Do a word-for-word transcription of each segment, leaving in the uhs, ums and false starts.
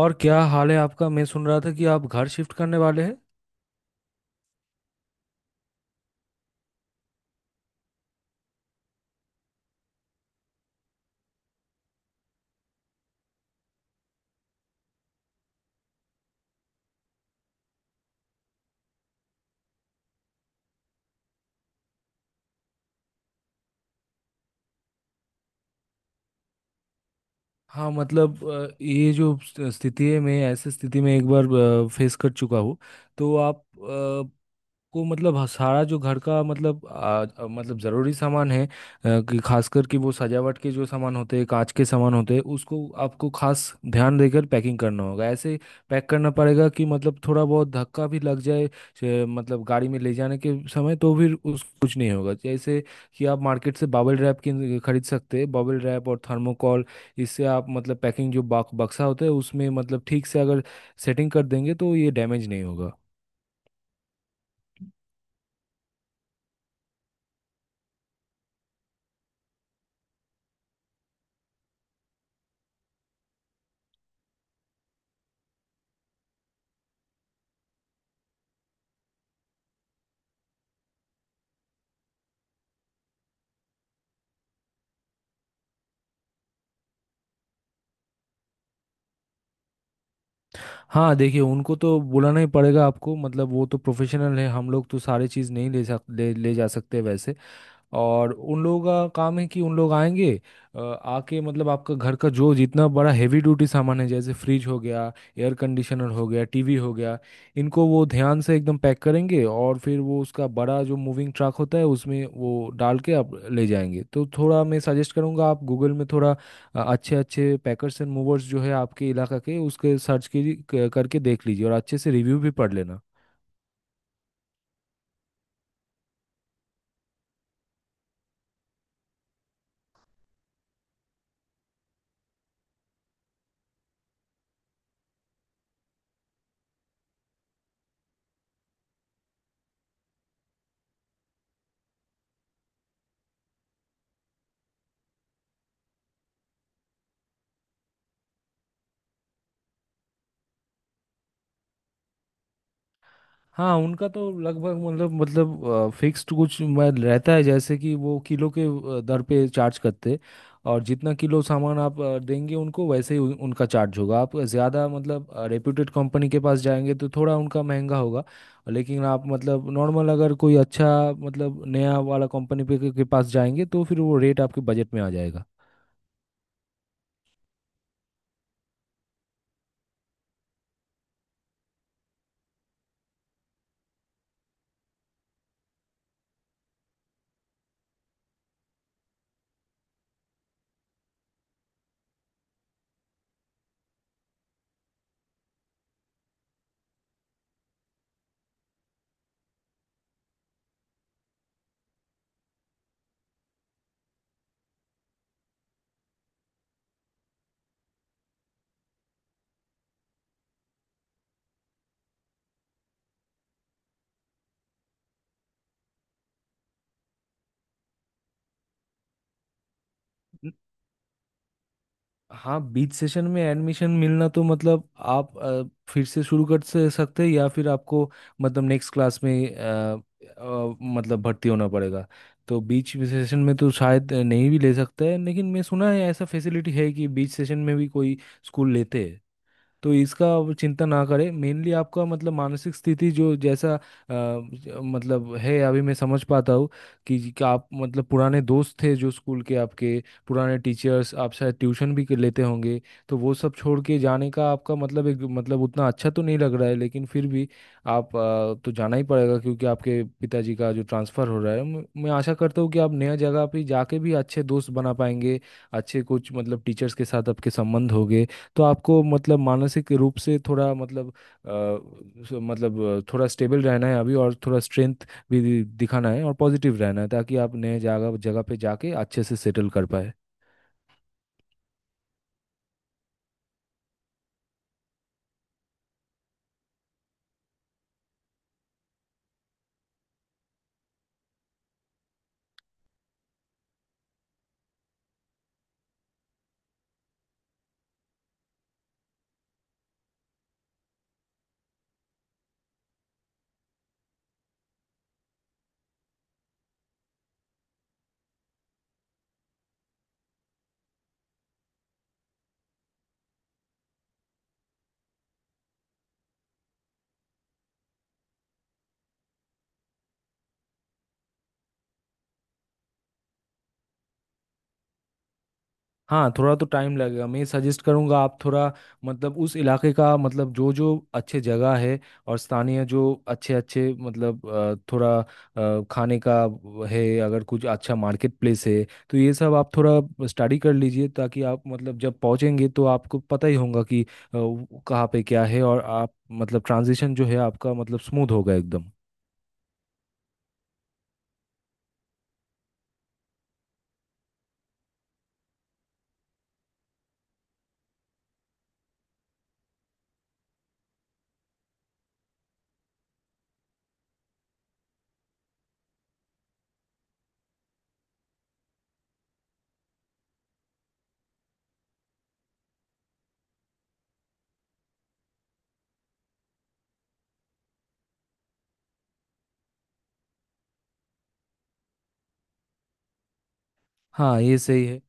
और क्या हाल है आपका? मैं सुन रहा था कि आप घर शिफ्ट करने वाले हैं। हाँ मतलब अ, ये जो स्थ- स्थिति है, मैं ऐसी स्थिति में एक बार फेस कर चुका हूँ। तो आप को मतलब ह- सारा जो घर का मतलब आ, आ, मतलब ज़रूरी सामान है आ, कि खासकर कि वो सजावट के जो सामान होते हैं, कांच के सामान होते हैं, उसको आपको खास ध्यान देकर पैकिंग करना होगा। ऐसे पैक करना पड़ेगा कि मतलब थोड़ा बहुत धक्का भी लग जाए से, मतलब गाड़ी में ले जाने के समय, तो फिर उस कुछ नहीं होगा। जैसे कि आप मार्केट से बबल रैप की खरीद सकते हैं, बबल रैप और थर्मोकॉल, इससे आप मतलब पैकिंग जो बॉक्स बक्सा होता है उसमें मतलब ठीक से अगर सेटिंग कर देंगे तो ये डैमेज नहीं होगा। हाँ देखिए, उनको तो बुलाना ही पड़ेगा आपको, मतलब वो तो प्रोफेशनल है। हम लोग तो सारी चीज़ नहीं ले सक ले, ले जा सकते वैसे। और उन लोगों का काम है कि उन लोग आएंगे, अ, आके मतलब आपका घर का जो जितना बड़ा हैवी ड्यूटी सामान है, जैसे फ्रिज हो गया, एयर कंडीशनर हो गया, टीवी हो गया, इनको वो ध्यान से एकदम पैक करेंगे, और फिर वो उसका बड़ा जो मूविंग ट्रक होता है उसमें वो डाल के आप ले जाएंगे। तो थोड़ा मैं सजेस्ट करूँगा, आप गूगल में थोड़ा अ- अच्छे अच्छे पैकर्स एंड मूवर्स जो है आपके इलाका के उसके सर्च की क- करके देख लीजिए, और अच्छे से रिव्यू भी पढ़ लेना। हाँ उनका तो लगभग मतलब मतलब फिक्स्ड कुछ मैं रहता है, जैसे कि वो किलो के अ, दर पे चार्ज करते, और जितना किलो सामान आप अ, देंगे उनको, वैसे ही उन- उनका चार्ज होगा। आप ज़्यादा मतलब रेप्यूटेड कंपनी के पास जाएंगे तो थोड़ा उनका महंगा होगा, लेकिन आप मतलब नॉर्मल अगर कोई अच्छा मतलब नया वाला कंपनी पे के के पास जाएंगे तो फिर वो रेट आपके बजट में आ जाएगा। हाँ बीच सेशन में एडमिशन मिलना, तो मतलब आप अ, फिर से शुरू कर से- सकते हैं, या फिर आपको मतलब नेक्स्ट क्लास में अ, अ, मतलब भर्ती होना पड़ेगा। तो बीच सेशन में तो शायद नहीं भी ले सकता है, लेकिन मैं सुना है ऐसा फैसिलिटी है कि बीच सेशन में भी कोई स्कूल लेते हैं। तो इसका आप चिंता ना करें, मेनली आपका मतलब मानसिक स्थिति जो जैसा अ, ज- मतलब है अभी, मैं समझ पाता हूँ कि, जी- कि आप मतलब पुराने दोस्त थे जो स्कूल के, आपके पुराने टीचर्स, आप शायद ट्यूशन भी कर लेते होंगे। तो वो सब छोड़ के जाने का आपका मतलब एक मतलब उतना अच्छा तो नहीं लग रहा है, लेकिन फिर भी आप अ, तो जाना ही पड़ेगा, क्योंकि आपके पिताजी का जो ट्रांसफ़र हो रहा है। म- मैं आशा करता हूँ कि आप नया जगह पे जाके भी अच्छे दोस्त बना पाएंगे, अच्छे कुछ मतलब टीचर्स के साथ आपके संबंध होंगे। तो आपको मतलब मानसिक रूप से थोड़ा मतलब अ, सो- मतलब अ, थोड़ा स्टेबल रहना है अभी, और थोड़ा स्ट्रेंथ भी दिखाना है, और पॉजिटिव रहना है, ताकि आप नए जगह जगह पे जाके अच्छे से सेटल कर पाए। हाँ थोड़ा तो टाइम लगेगा। मैं सजेस्ट करूँगा आप थोड़ा मतलब उस इलाके का मतलब जो जो अच्छे जगह है, और स्थानीय जो अच्छे अच्छे मतलब अ, थोड़ा अ, खाने का व- है अगर, कुछ अच्छा मार्केट प्लेस है, तो ये सब आप थोड़ा स्टडी कर लीजिए, ताकि आप मतलब जब पहुँचेंगे तो आपको पता ही होगा कि अ, वो कहाँ पे क्या है, और आप मतलब ट्रांजिशन जो है आपका मतलब स्मूथ होगा एकदम। हाँ ये सही है।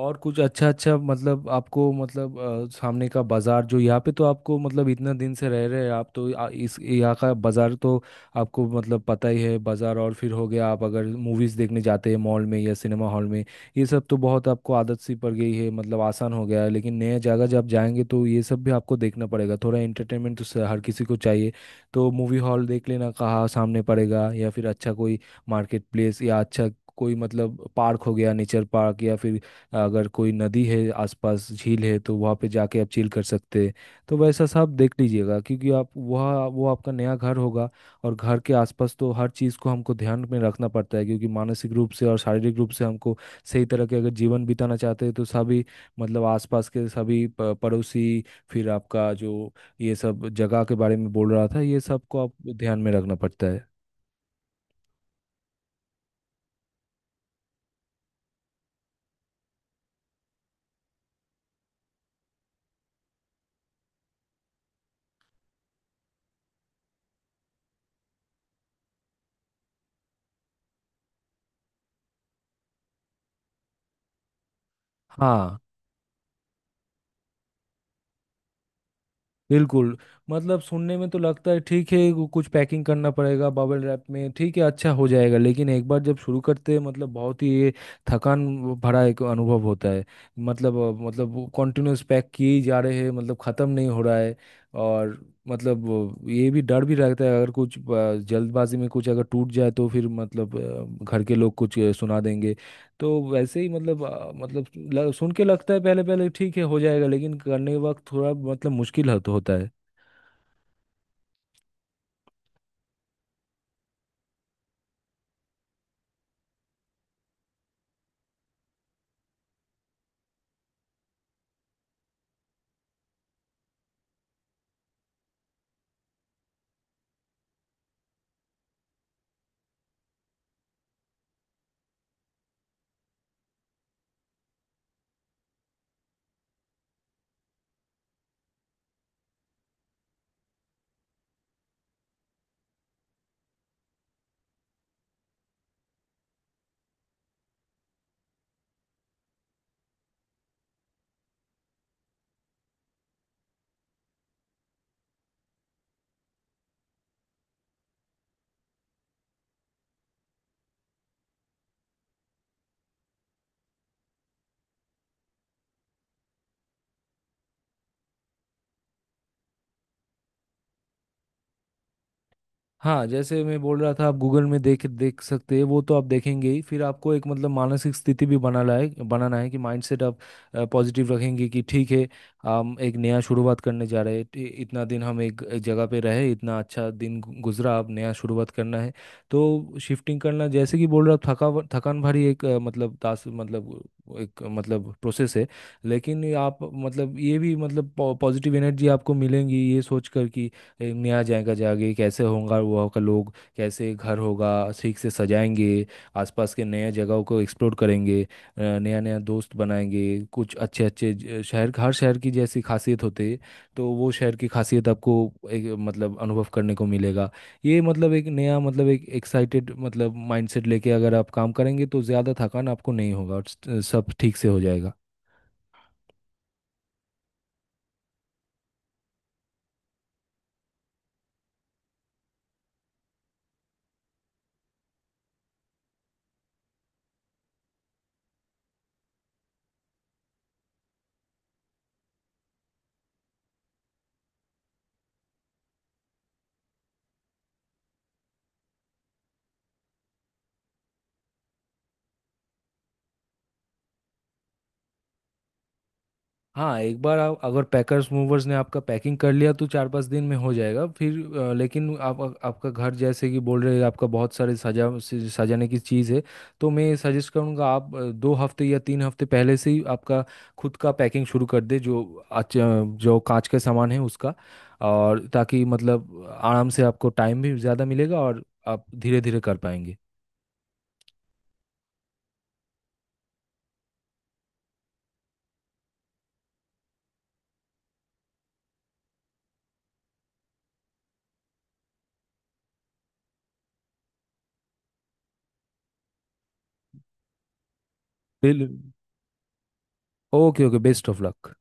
और कुछ अच्छा अच्छा मतलब आपको मतलब अ, सामने का बाजार जो यहाँ पे, तो आपको मतलब इतना दिन से रह रहे हैं आप तो आ- इस यहाँ का बाजार तो आपको मतलब पता ही है। बाजार और फिर हो गया, आप अगर मूवीज देखने जाते हैं मॉल में या सिनेमा हॉल में, ये सब तो बहुत आपको आदत सी पड़ गई है, मतलब आसान हो गया है। लेकिन नए जगह जब जाएंगे तो ये सब भी आपको देखना पड़ेगा। थोड़ा एंटरटेनमेंट तो स- हर किसी को चाहिए। तो मूवी हॉल देख लेना कहाँ सामने पड़ेगा, या फिर अच्छा कोई मार्केट प्लेस, या अच्छा कोई मतलब पार्क हो गया, नेचर पार्क, या फिर अगर कोई नदी है आसपास, झील है, तो वहाँ पे जाके आप चिल कर सकते हैं। तो वैसा सब देख लीजिएगा, क्योंकि आप वह वो आपका नया घर होगा। और घर के आसपास तो हर चीज़ को हमको ध्यान में रखना पड़ता है, क्योंकि मानसिक रूप से और शारीरिक रूप से हमको सही तरह के अगर जीवन बिताना चाहते हैं, तो सभी मतलब आसपास के सभी प- पड़ोसी, फिर आपका जो ये सब जगह के बारे में बोल रहा था, ये सब को आप ध्यान में रखना पड़ता है। हाँ बिल्कुल, मतलब सुनने में तो लगता है ठीक है, वो कुछ पैकिंग करना पड़ेगा बबल रैप में, ठीक है अच्छा हो जाएगा। लेकिन एक बार जब शुरू करते हैं मतलब बहुत ही ये थकान भरा एक अनुभव होता है। मतलब अ, मतलब कंटिन्यूस पैक किए ही जा रहे हैं, मतलब ख़त्म नहीं हो रहा है। और मतलब वो ये भी डर भी रहता है, अगर कुछ अ, जल्दबाजी में कुछ अगर टूट जाए, तो फिर मतलब अ, घर के लोग कुछ अ, सुना देंगे। तो वैसे ही मतलब आ, मतलब ल- सुन के लगता है पहले पहले ठीक है हो जाएगा, लेकिन करने के वक्त थोड़ा मतलब मुश्किल होत- होता है। हाँ जैसे मैं बोल रहा था, आप गूगल में देख देख सकते हैं, वो तो आप देखेंगे ही। फिर आपको एक मतलब मानसिक स्थिति भी बना लाए बनाना है कि माइंडसेट आप पॉजिटिव रखेंगे कि ठीक है, हम एक नया शुरुआत करने जा रहे हैं। इ- इतना दिन हम एक एक जगह पे रहे, इतना अच्छा दिन गु- गुजरा, अब नया शुरुआत करना है। तो शिफ्टिंग करना, जैसे कि बोल रहा हूँ, थका थकान भरी एक अ, मतलब टास्क मतलब एक मतलब प्रोसेस है। लेकिन ये आप मतलब ये भी मतलब पॉजिटिव एनर्जी आपको मिलेंगी, ये सोच कर कि एक नया जाएगा, जागे कैसे होगा वहाँ का लोग, कैसे घर होगा, ठीक से सजाएंगे, आसपास के नए जगहों को एक्सप्लोर करेंगे, नया नया दोस्त बनाएंगे, कुछ अच्छे अच्छे ज- शहर, हर शहर की जैसी खासियत होती है, तो वो शहर की खासियत आपको एक, मतलब अनुभव करने को मिलेगा। ये मतलब एक नया मतलब एक एक्साइटेड मतलब माइंडसेट लेके अगर आप काम करेंगे तो ज़्यादा थकान आपको नहीं होगा और स- सब ठीक से हो जाएगा। हाँ एक बार आप अगर पैकर्स मूवर्स ने आपका पैकिंग कर लिया तो चार पांच दिन में हो जाएगा फिर अ, लेकिन आप, आपका घर जैसे कि बोल रहे हैं, आपका बहुत सारे सजा से- सजाने की चीज़ है। तो मैं सजेस्ट करूँगा आप अ, दो हफ्ते या तीन हफ्ते पहले से ही आपका खुद का पैकिंग शुरू कर दे, जो अच्छा जो कांच का सामान है उसका, और ताकि मतलब आराम से आपको टाइम भी ज़्यादा मिलेगा और आप धीरे धीरे कर पाएंगे। बिल। Okay okay, best of luck.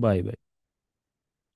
Bye bye.